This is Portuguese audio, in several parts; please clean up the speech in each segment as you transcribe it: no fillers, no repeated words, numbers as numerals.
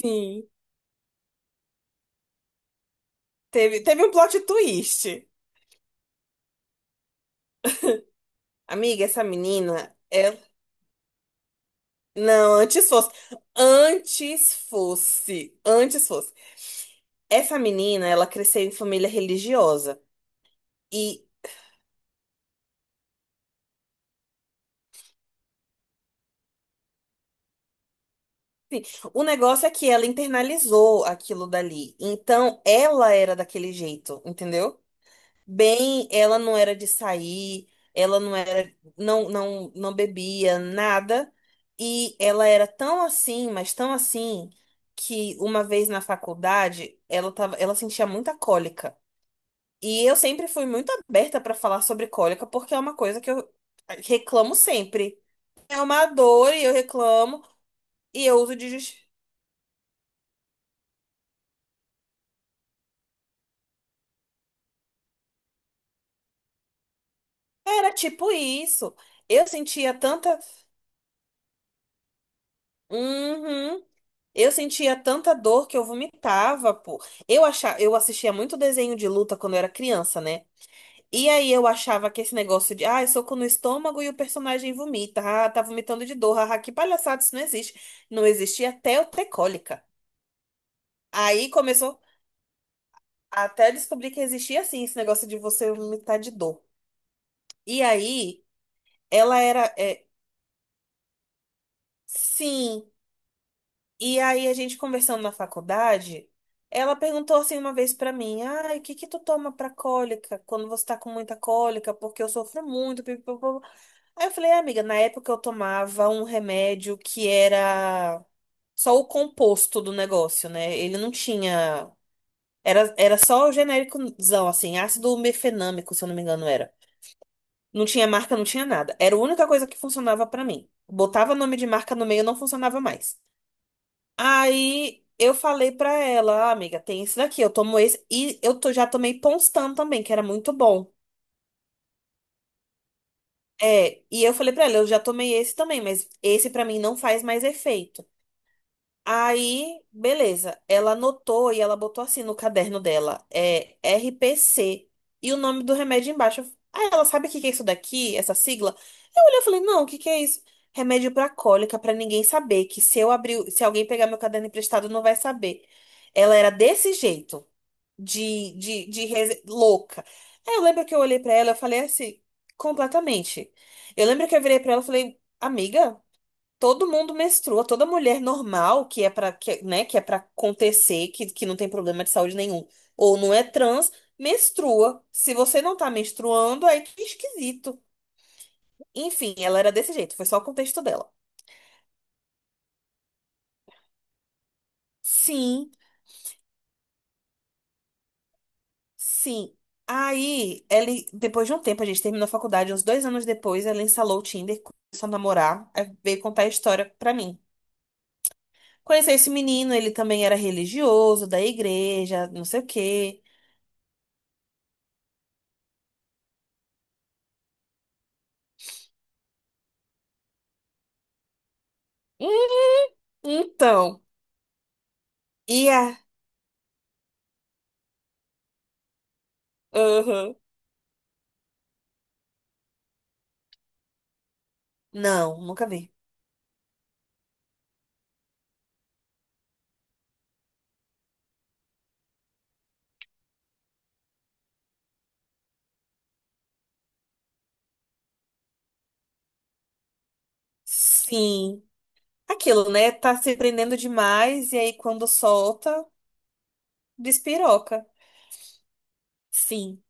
Sim. Teve um plot twist. Amiga, essa menina é. Não, antes fosse. Antes fosse. Antes fosse. Essa menina, ela cresceu em família religiosa. E o negócio é que ela internalizou aquilo dali. Então, ela era daquele jeito, entendeu? Bem, ela não era de sair, ela não era, não bebia nada, e ela era tão assim, mas tão assim, que uma vez na faculdade, ela sentia muita cólica. E eu sempre fui muito aberta para falar sobre cólica, porque é uma coisa que eu reclamo sempre. É uma dor e eu reclamo, e eu uso de justi... Era tipo isso. Eu sentia tanta. Uhum. Eu sentia tanta dor que eu vomitava, pô. Eu achava, eu assistia muito desenho de luta quando eu era criança, né? E aí eu achava que esse negócio de, ah, soco no estômago e o personagem vomita, ah, tá vomitando de dor, ah, que palhaçada, isso não existe. Não existia até eu ter cólica. Aí começou até descobrir que existia assim esse negócio de você vomitar de dor. E aí ela era, é, sim. E aí a gente conversando na faculdade, ela perguntou assim uma vez pra mim: "Ai, o que que tu toma pra cólica quando você tá com muita cólica? Porque eu sofro muito, pipipopô." Aí eu falei: "Ah, amiga, na época eu tomava um remédio que era só o composto do negócio, né? Ele não tinha, era só o genéricozão assim, ácido mefenâmico, se eu não me engano era. Não tinha marca, não tinha nada. Era a única coisa que funcionava pra mim. Botava nome de marca no meio, não funcionava mais." Aí eu falei pra ela, "Ah, amiga, tem esse daqui, eu tomo esse. E eu to- já tomei Ponstan também, que era muito bom." É, e eu falei pra ela, eu já tomei esse também, mas esse pra mim não faz mais efeito. Aí, beleza. Ela anotou e ela botou assim no caderno dela, é RPC e o nome do remédio embaixo. Aí, ela sabe o que que é isso daqui, essa sigla? Eu olhei e falei: "Não, o que que é isso?" "Remédio pra cólica, pra ninguém saber, que se eu abrir, se alguém pegar meu caderno emprestado, não vai saber." Ela era desse jeito, de de rese- louca. Aí eu lembro que eu olhei pra ela, eu falei assim, completamente. Eu lembro que eu virei pra ela e falei: "Amiga, todo mundo menstrua, toda mulher normal que é para que, né, que é para acontecer, que não tem problema de saúde nenhum, ou não é trans, menstrua. Se você não tá menstruando, aí que esquisito." Enfim, ela era desse jeito, foi só o contexto dela. Sim, sim. Aí, ela, depois de um tempo, a gente terminou a faculdade, uns dois anos depois, ela instalou o Tinder, começou a namorar, aí veio contar a história pra mim. "Conheci esse menino, ele também era religioso, da igreja, não sei o quê." Hum, então, e a. Aham. Não, nunca vi. Sim. Aquilo, né? Tá se prendendo demais e aí quando solta, despiroca. Sim.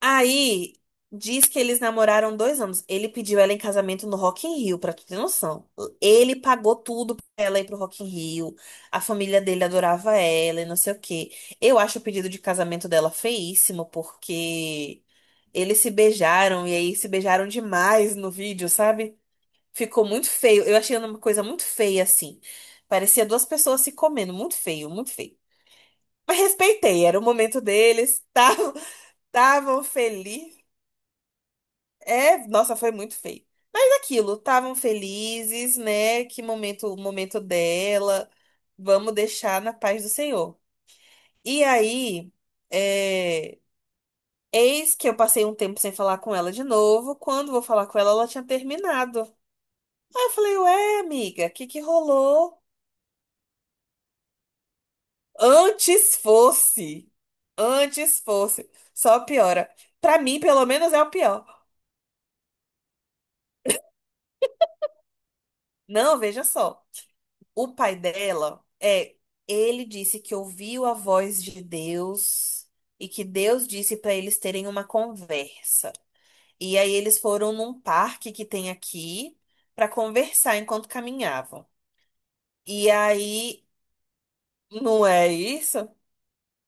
Aí diz que eles namoraram 2 anos. Ele pediu ela em casamento no Rock in Rio, pra tu ter noção. Ele pagou tudo pra ela ir pro Rock in Rio. A família dele adorava ela e não sei o quê. Eu acho o pedido de casamento dela feíssimo, porque eles se beijaram e aí se beijaram demais no vídeo, sabe? Ficou muito feio. Eu achei uma coisa muito feia, assim. Parecia duas pessoas se comendo. Muito feio, muito feio. Mas respeitei, era o momento deles. Estavam, estavam felizes. É, nossa, foi muito feio. Mas aquilo, estavam felizes, né? Que momento, o momento dela. Vamos deixar na paz do Senhor. E aí, é, eis que eu passei um tempo sem falar com ela de novo. Quando vou falar com ela, ela tinha terminado. Aí eu falei, ué, amiga, o que que rolou? Antes fosse. Antes fosse. Só piora. Pra mim, pelo menos, é o pior. Não, veja só. O pai dela é. Ele disse que ouviu a voz de Deus e que Deus disse pra eles terem uma conversa. E aí eles foram num parque que tem aqui pra conversar enquanto caminhavam. E aí, não é isso?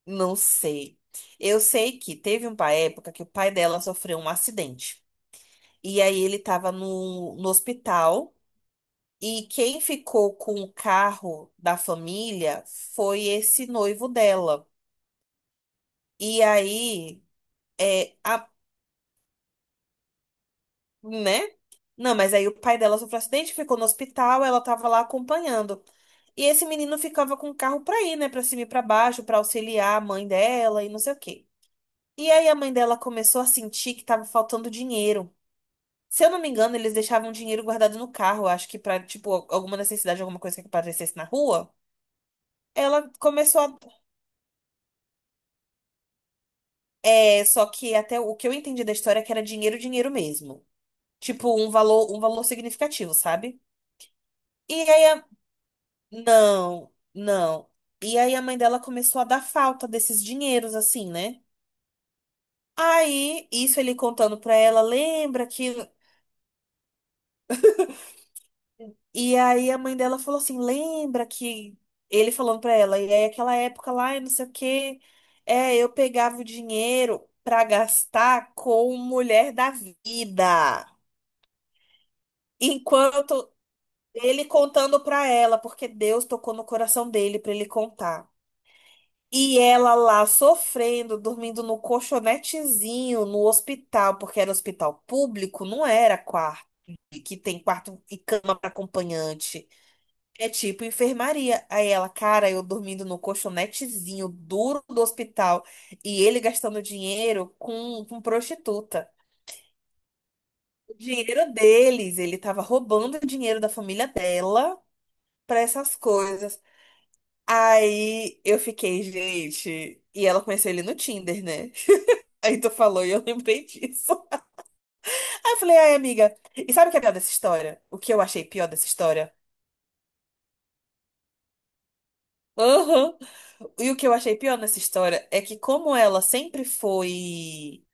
Não sei. Eu sei que teve uma época que o pai dela sofreu um acidente. E aí ele tava no hospital. E quem ficou com o carro da família foi esse noivo dela. E aí, é, a, né? Não, mas aí o pai dela sofreu acidente, ficou no hospital, ela tava lá acompanhando. E esse menino ficava com o carro pra ir, né? Pra cima e pra baixo, pra auxiliar a mãe dela e não sei o quê. E aí a mãe dela começou a sentir que tava faltando dinheiro. Se eu não me engano, eles deixavam dinheiro guardado no carro, acho que pra, tipo, alguma necessidade, alguma coisa que aparecesse na rua. Ela começou a. É, só que até o que eu entendi da história é que era dinheiro, dinheiro mesmo. Tipo, um valor significativo, sabe? E aí a... Não, não. E aí a mãe dela começou a dar falta desses dinheiros, assim, né? Aí, isso ele contando pra ela, lembra que, e aí a mãe dela falou assim: lembra que ele falando pra ela, e aí aquela época lá, e não sei o quê, é, eu pegava o dinheiro pra gastar com mulher da vida. Enquanto ele contando pra ela, porque Deus tocou no coração dele pra ele contar. E ela lá sofrendo, dormindo no colchonetezinho no hospital, porque era hospital público, não era quarto, que tem quarto e cama para acompanhante. É tipo enfermaria. Aí ela, cara, eu dormindo no colchonetezinho duro do hospital e ele gastando dinheiro com prostituta. O dinheiro deles, ele tava roubando o dinheiro da família dela pra essas coisas. Aí eu fiquei, gente. E ela conheceu ele no Tinder, né? Aí tu falou e eu lembrei disso. Aí eu falei, ai, amiga, e sabe o que é pior dessa história? O que eu achei pior dessa história? Aham. E o que eu achei pior nessa história é que, como ela sempre foi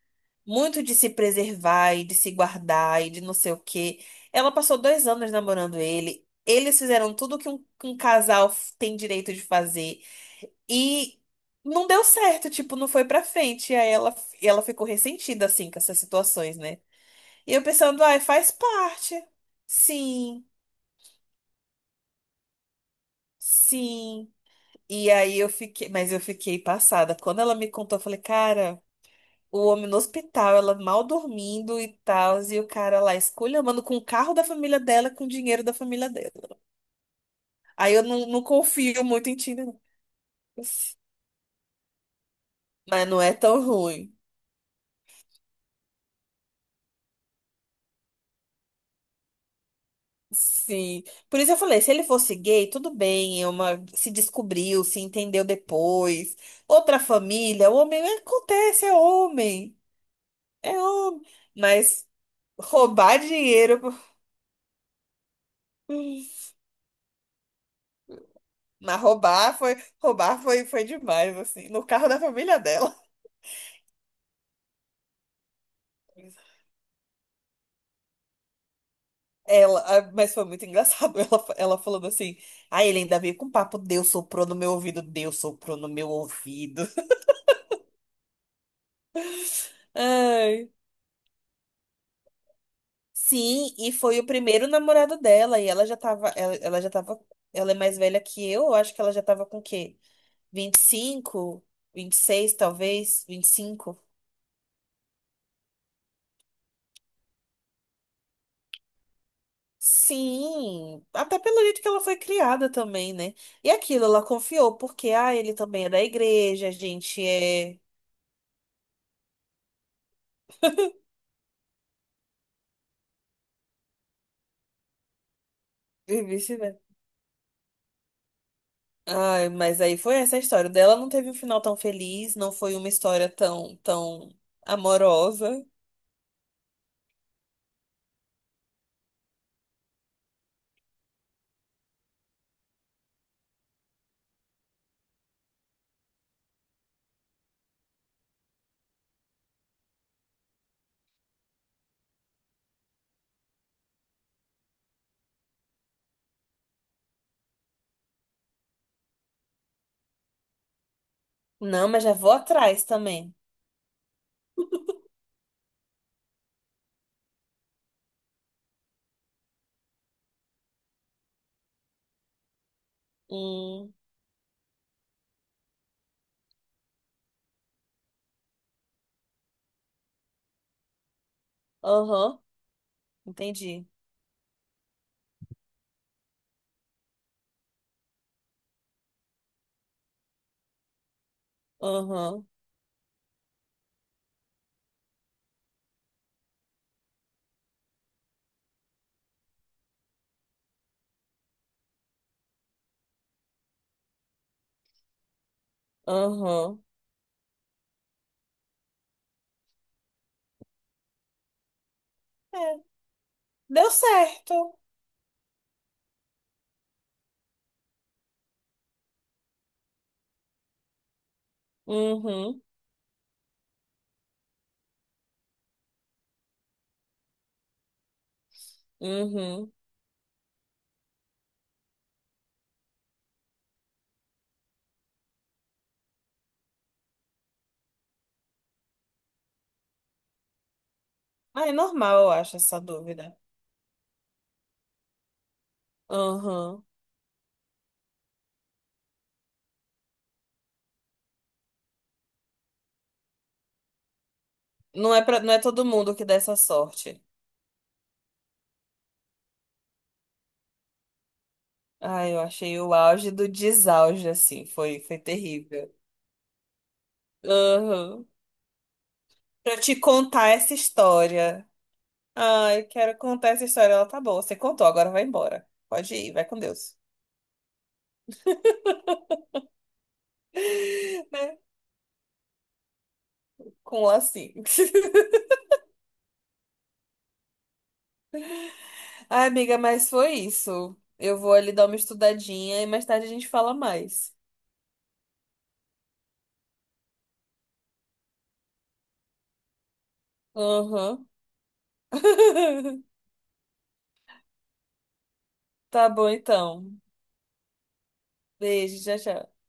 muito de se preservar e de se guardar e de não sei o quê, ela passou 2 anos namorando ele. Eles fizeram tudo que um casal tem direito de fazer. E não deu certo, tipo, não foi pra frente. E ela ficou ressentida, assim, com essas situações, né? E eu pensando, ai, faz parte. Sim, sim. E aí eu fiquei, mas eu fiquei passada. Quando ela me contou, eu falei, cara, o homem no hospital, ela mal dormindo e tal, e o cara lá esculhambando com o carro da família dela, com o dinheiro da família dela. Aí eu não, não confio muito em Tinder, não. Mas não é tão ruim. Sim. Por isso eu falei, se ele fosse gay, tudo bem, é uma... se descobriu, se entendeu depois. Outra família, o homem acontece, é homem. É homem. Mas roubar dinheiro. Mas roubar foi, foi demais, assim, no carro da família dela. Ela, ah, mas foi muito engraçado ela falando assim. Aí ele ainda veio com papo, Deus soprou no meu ouvido, Deus soprou no meu ouvido. Ai. Sim, e foi o primeiro namorado dela, e ela já tava, ela é mais velha que eu acho que ela já tava com o quê? 25, 26 talvez, 25. Sim, até pelo jeito que ela foi criada também, né? E aquilo, ela confiou, porque, ah, ele também é da igreja, a gente é. E vice-versa. Ai, mas aí foi essa a história. O dela não teve um final tão feliz, não foi uma história tão, tão amorosa. Não, mas já vou atrás também. Hum, aham, entendi. Aham, aham. É, deu certo. Uhum, uhum. Ah, é normal, eu acho, essa dúvida. Aham. Não é pra, não é todo mundo que dá essa sorte. Ai, eu achei o auge do desauge, assim. Foi, foi terrível. Aham. Pra te contar essa história. Ai, quero contar essa história. Ela tá boa. Você contou, agora vai embora. Pode ir, vai com Deus. Né? Com o lacinho. Ai, amiga, mas foi isso. Eu vou ali dar uma estudadinha e mais tarde a gente fala mais. Aham. Tá bom, então. Beijo, tchau, tchau.